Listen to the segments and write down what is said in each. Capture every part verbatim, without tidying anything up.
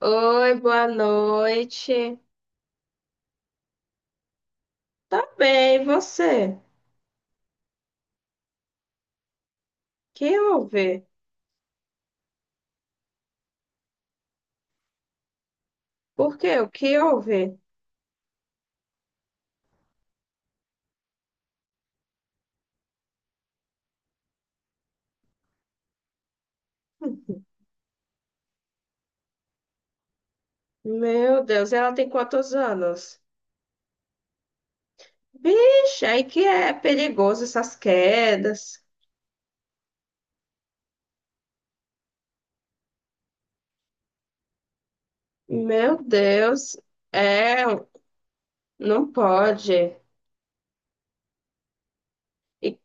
Oi, boa noite. Tá bem, e você? Que houve? Por quê? O que houve? Meu Deus, ela tem quantos anos? Vixe, aí que é perigoso essas quedas. Meu Deus, é, não pode. E-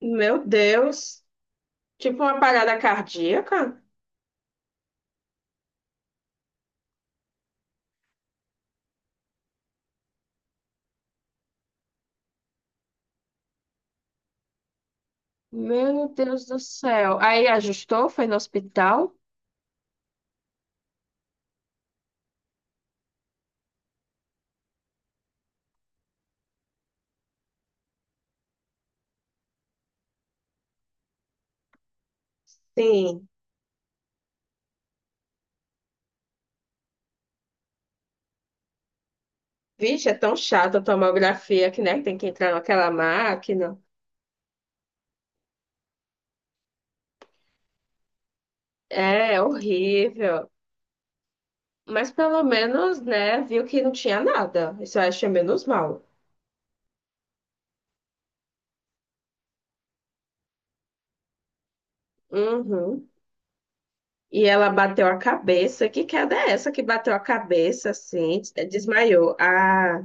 Meu Deus, tipo uma parada cardíaca? Meu Deus do céu. Aí ajustou, foi no hospital? Sim. Vixe, é tão chato a tomografia que, né, tem que entrar naquela máquina. É, horrível. Mas pelo menos, né, viu que não tinha nada. Isso eu achei menos mal. Uhum. E ela bateu a cabeça. Que queda é essa que bateu a cabeça, assim, é, desmaiou? Ah,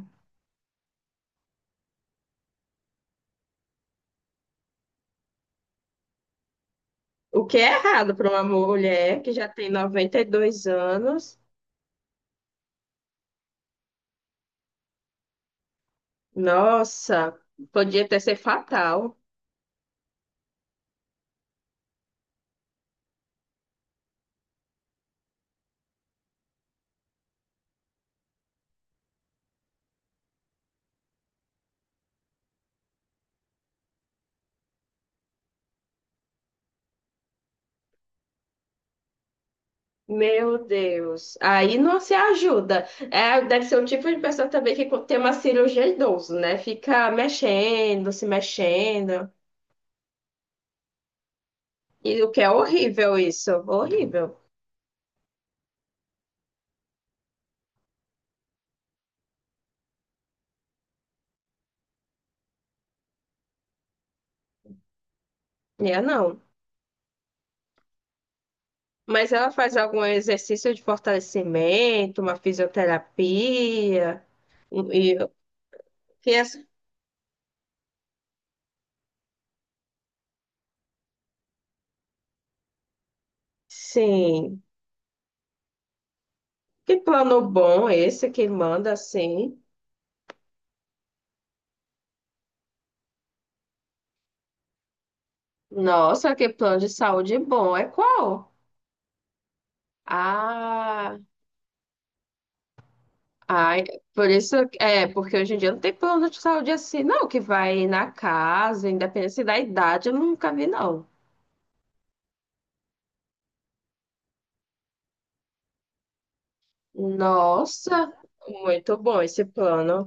o que é errado para uma mulher que já tem noventa e dois anos? Nossa, podia ter sido fatal. Meu Deus, aí não se ajuda. É, deve ser um tipo de pessoa também que tem uma cirurgia idoso, né? Fica mexendo, se mexendo. E o que é horrível isso, horrível. É não. Mas ela faz algum exercício de fortalecimento, uma fisioterapia. um- E, que as- sim. Que plano bom esse que manda assim? Nossa, que plano de saúde bom. É qual? Ah. Ai, por isso, é, porque hoje em dia não tem plano de saúde assim, não, que vai na casa, independente da idade, eu nunca vi, não. Nossa, muito bom esse plano.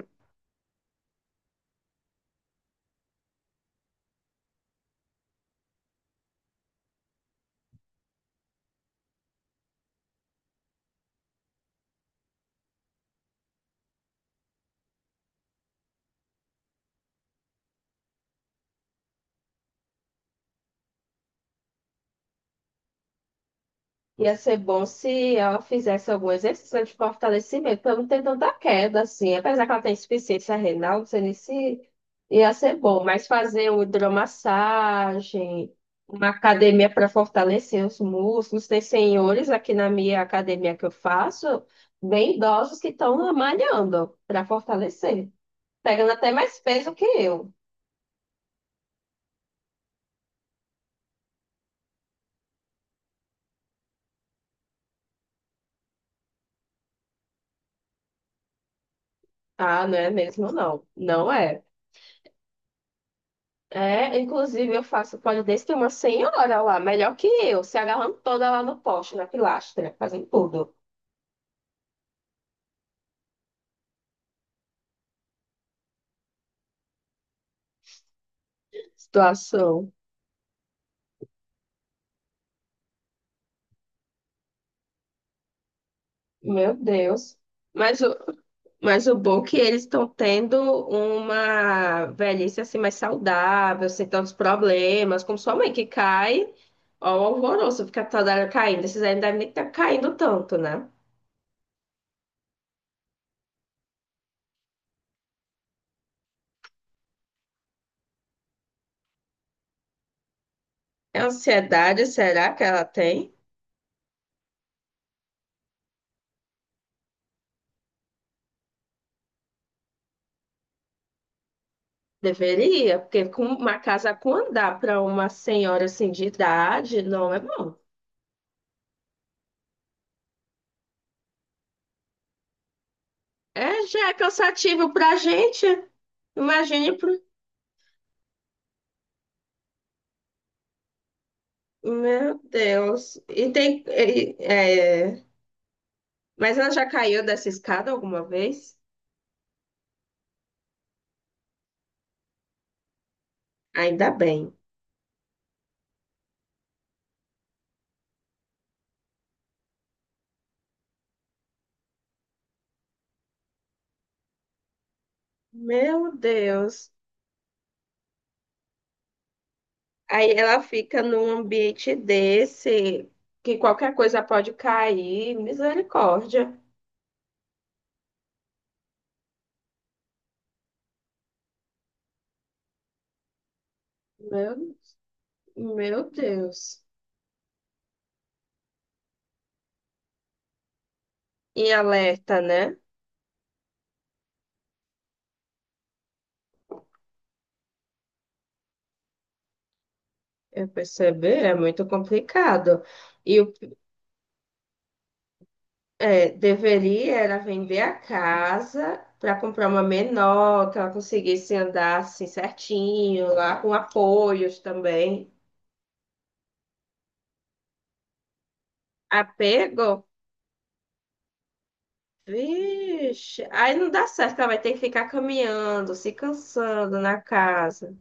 Ia ser bom se ela fizesse algum exercício de fortalecimento para não ter tanta queda, assim. Apesar que ela tem insuficiência renal, não sei nem se ia ser bom, mas fazer uma hidromassagem, uma academia para fortalecer os músculos. Tem senhores aqui na minha academia que eu faço, bem idosos que estão malhando para fortalecer, pegando até mais peso que eu. Ah, não é mesmo, não. Não é. É, inclusive eu faço pole dance, tem uma senhora lá, melhor que eu, se agarrando toda lá no poste, na pilastra, fazendo tudo. Situação, meu Deus. Mas o, mas o bom é que eles estão tendo uma velhice assim mais saudável, sem tantos problemas, como sua mãe que cai, ó, o alvoroço, fica toda hora caindo. Esses aí não devem nem estar caindo tanto, né? É ansiedade, será que ela tem? Deveria, porque com uma casa com andar para uma senhora assim de idade, não é bom. É, já é cansativo para a gente. Imagine pro... Meu Deus. E tem. e- é, Mas ela já caiu dessa escada alguma vez? Ainda bem. Meu Deus. Aí ela fica num ambiente desse, que qualquer coisa pode cair. Misericórdia. Meu, meu Deus. E alerta, né? Eu percebi, é muito complicado. E o, é, deveria era vender a casa para comprar uma menor, que ela conseguisse andar assim certinho, lá com apoios também. Apego? Vixe, aí não dá certo, ela vai ter que ficar caminhando, se cansando na casa.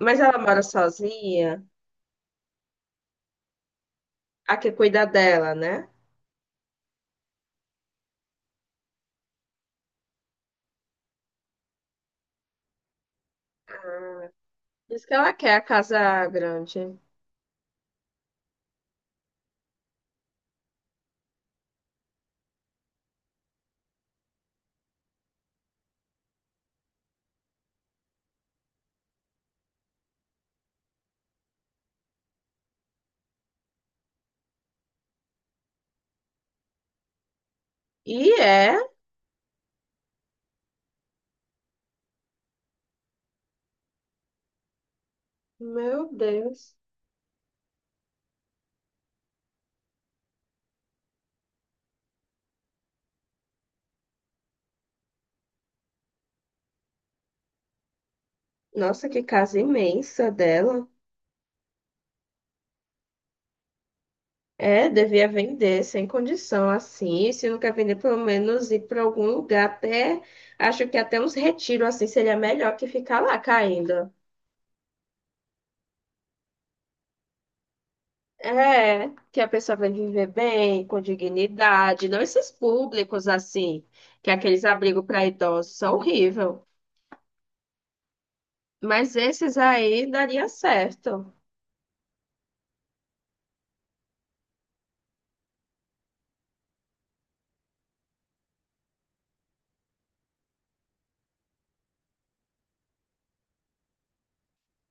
Mas ela mora sozinha, a que cuida dela, né? Ah, diz que ela quer a casa grande. E é, meu Deus. Nossa, que casa imensa dela. É, devia vender sem condição assim. E se não quer vender, pelo menos ir para algum lugar. Até acho que até uns retiros assim seria melhor que ficar lá caindo. É, que a pessoa vai viver bem, com dignidade, não esses públicos assim, que é aqueles abrigos para idosos são horrível. Mas esses aí daria certo.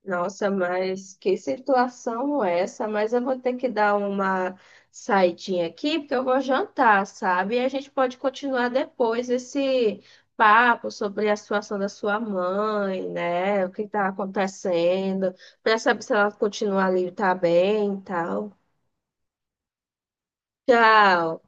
Nossa, mas que situação é essa? Mas eu vou ter que dar uma saidinha aqui, porque eu vou jantar, sabe? E a gente pode continuar depois esse papo sobre a situação da sua mãe, né? O que está acontecendo, para saber se ela continua ali, tá bem e tal. Tchau.